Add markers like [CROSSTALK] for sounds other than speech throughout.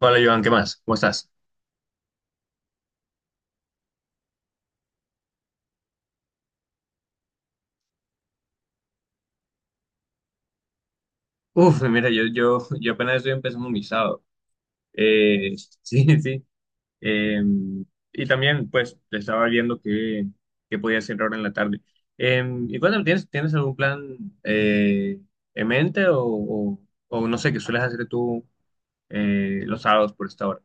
Hola, Joan, ¿qué más? ¿Cómo estás? Uf, mira, yo apenas estoy empezando mi sábado. Eh, [LAUGHS] sí, sí. Eh, y también, pues, te estaba viendo qué podía hacer ahora en la tarde. Y cuéntame, tienes algún plan eh, en mente o no sé qué sueles hacer tú los sábados por esta hora?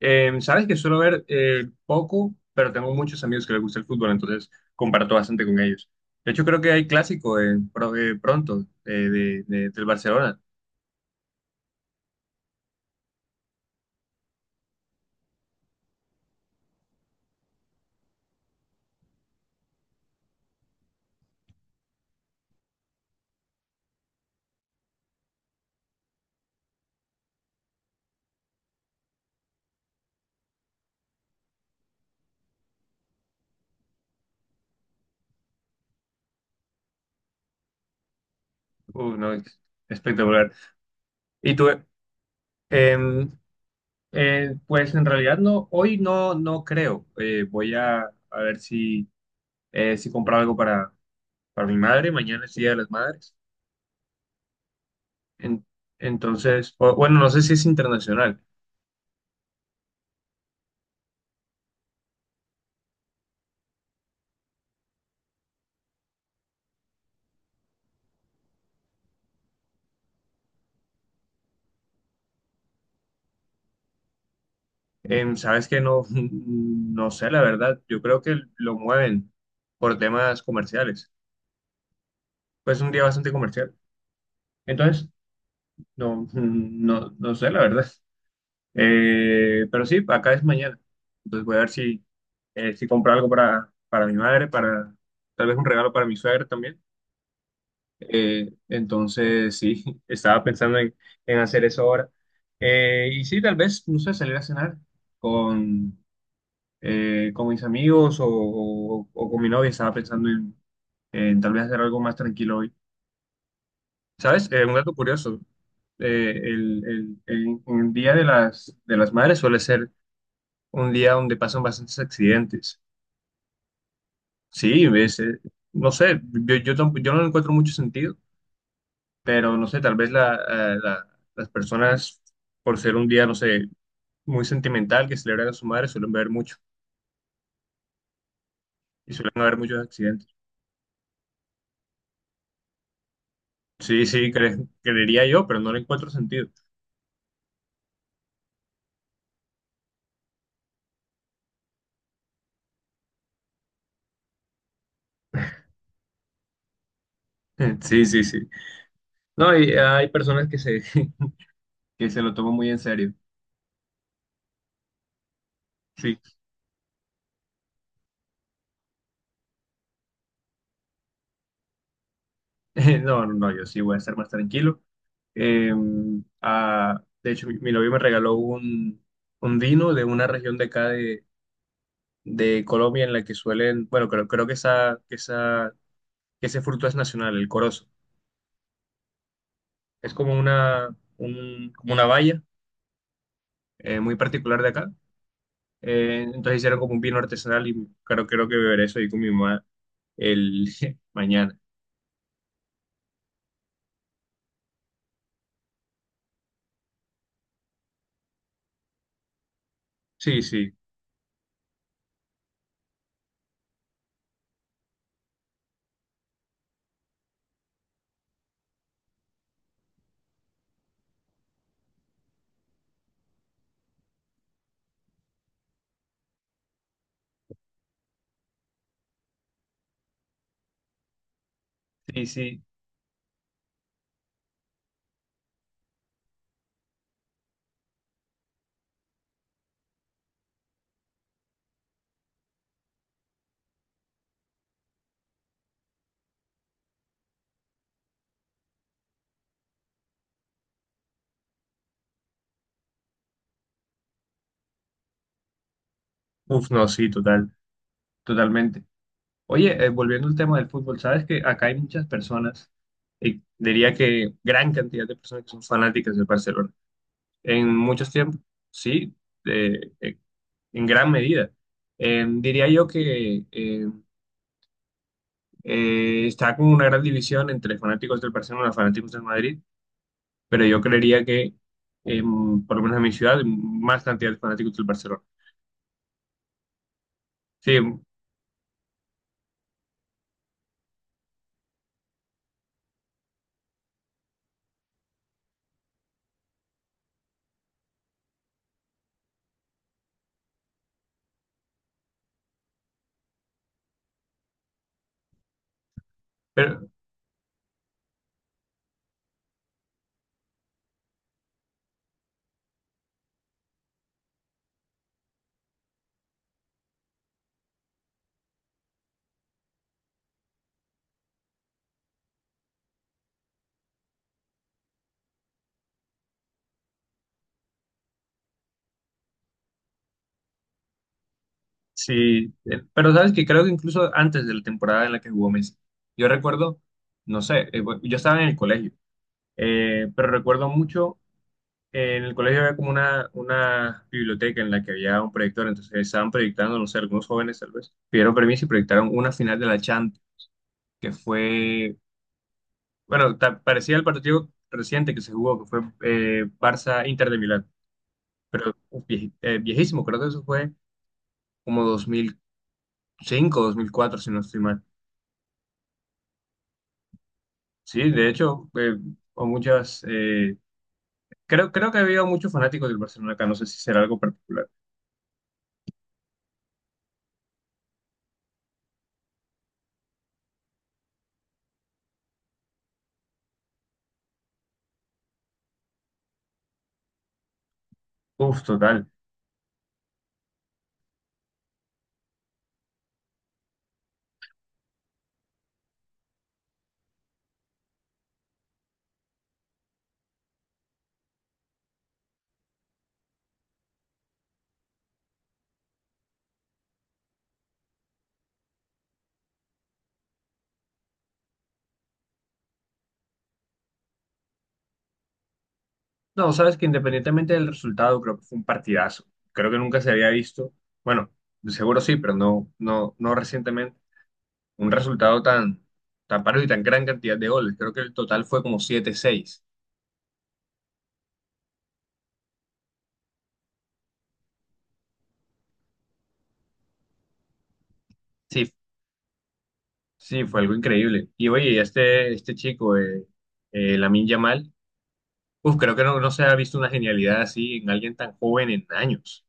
Sabes que suelo ver poco, pero tengo muchos amigos que les gusta el fútbol, entonces comparto bastante con ellos. De hecho, creo que hay clásico pronto del Barcelona. No, es espectacular. Y tú, em, pues en realidad no, hoy no creo. A ver si compro algo para mi madre. Mañana es Día de las Madres. En- entonces, bueno, no sé si es internacional. Sabes que no, [LAUGHS] no sé, la verdad. Yo creo que lo mueven por temas comerciales. Pues es un día bastante comercial. Entonces, no, [LAUGHS] no sé, la verdad. Pero sí, acá es mañana. Entonces voy a ver si compro algo para mi madre, para tal vez un regalo para mi suegra también. Entonces, sí, [LAUGHS] estaba pensando en hacer eso ahora. Y sí, tal vez, no sé, salir a cenar con, con mis amigos o con mi novia. Estaba pensando en tal vez hacer algo más tranquilo hoy. ¿Sabes? Un dato curioso. El el Día de de las Madres suele ser un día donde pasan bastantes accidentes. Sí, no sé, yo no le encuentro mucho sentido, pero no sé, tal vez las personas, por ser un día, no sé, muy sentimental que celebran a su madre, suelen ver mucho y suelen haber muchos accidentes. Sí, sí, creería yo, pero no le encuentro sentido. [LAUGHS] Sí, sí, sí. No, y hay personas que [LAUGHS] que se lo toman muy en serio. Sí. [LAUGHS] No, no, no, yo sí voy a estar más tranquilo. Eh, de hecho, mi novio me regaló un vino de una región de acá de Colombia en la que suelen, bueno, creo que que ese fruto es nacional, el corozo. Es como como una valla muy particular de acá. Entonces hicieron como un vino artesanal y creo que beberé eso ahí con mi mamá el [LAUGHS] mañana. Sí, sí, sí, sí. Uf, no, sí, totalmente. Oye, volviendo al tema del fútbol, sabes que acá hay muchas personas, diría que gran cantidad de personas que son fanáticas del Barcelona. En muchos tiempos, sí, eh, eh, en gran medida. Diría yo que está como una gran división entre fanáticos del Barcelona y fanáticos del Madrid, pero yo creería que por lo menos en mi ciudad, más cantidad de fanáticos del Barcelona. Sí, pero sí, pero sabes que creo que incluso antes de la temporada en la que jugó Messi, yo recuerdo, no sé, bueno, yo estaba en el colegio, pero recuerdo mucho, en el colegio había como una biblioteca en la que había un proyector, entonces estaban proyectando, no sé, algunos jóvenes tal vez, pidieron permiso y proyectaron una final de la Champions, que fue, bueno, parecía el partido reciente que se jugó, que fue Barça-Inter de Milán. Pero uf, viejísimo, creo que eso fue como 2005, 2004, si no estoy mal. Sí, de hecho, o muchas, eh, creo que había muchos fanáticos del Barcelona acá, no sé si será algo particular. Uf, total. No, sabes que independientemente del resultado, creo que fue un partidazo. Creo que nunca se había visto, bueno, de seguro sí, pero no recientemente, un resultado tan parejo y tan gran cantidad de goles. Creo que el total fue como 7-6. Sí, fue algo increíble. Y oye, y este chico, Lamine Yamal, uf, creo que no se ha visto una genialidad así en alguien tan joven en años.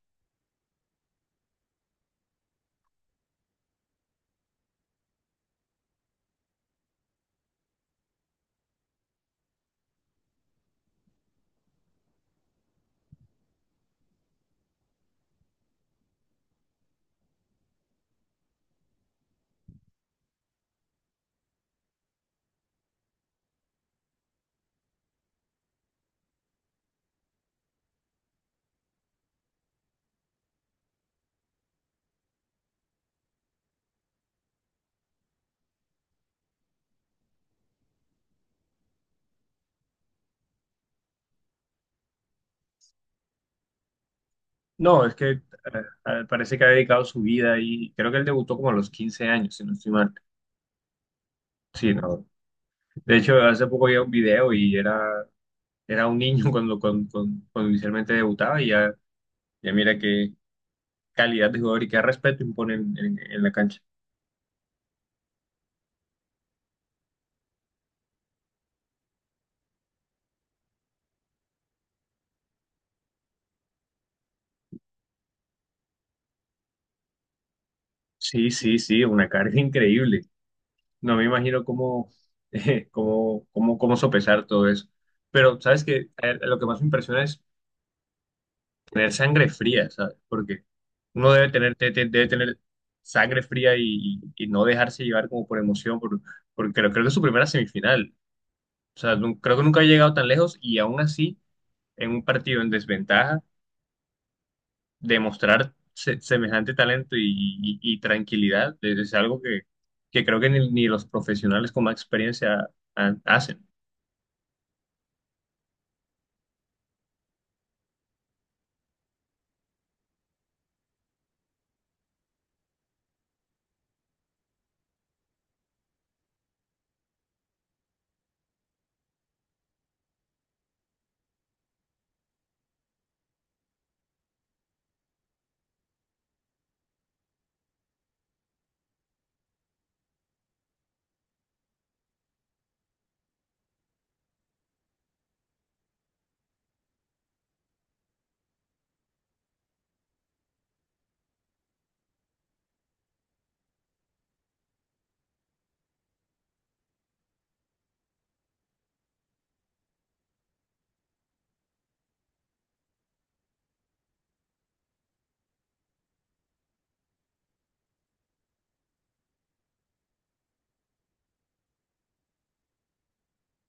No, es que parece que ha dedicado su vida y creo que él debutó como a los 15 años, si no estoy mal. Sí, no. De hecho, hace poco vi un video y era un niño [LAUGHS] cuando inicialmente debutaba y ya, ya mira qué calidad de jugador y qué respeto impone en en la cancha. Sí, sí, sí, una carga increíble. No me imagino [LAUGHS] cómo sopesar todo eso. Pero, ¿sabes que lo que más me impresiona es tener sangre fría, ¿sabes? Porque uno debe tener sangre fría y no dejarse llevar como por emoción, por, porque creo que es su primera semifinal. O sea, creo que nunca ha llegado tan lejos y aún así, en un partido en desventaja, demostrar semejante talento y tranquilidad es algo que creo que ni los profesionales con más experiencia hacen.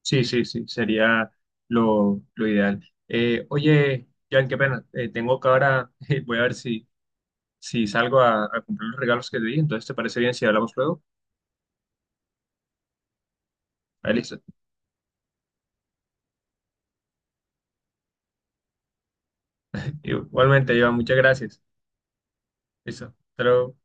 Sí, sí, sí, sería lo ideal. Oye, Jan, qué pena, tengo que ahora, [LAUGHS] voy a ver si salgo a cumplir los regalos que te di, entonces ¿te parece bien si hablamos luego? Ah, listo. Igualmente, Iván, muchas gracias. Listo, hasta luego.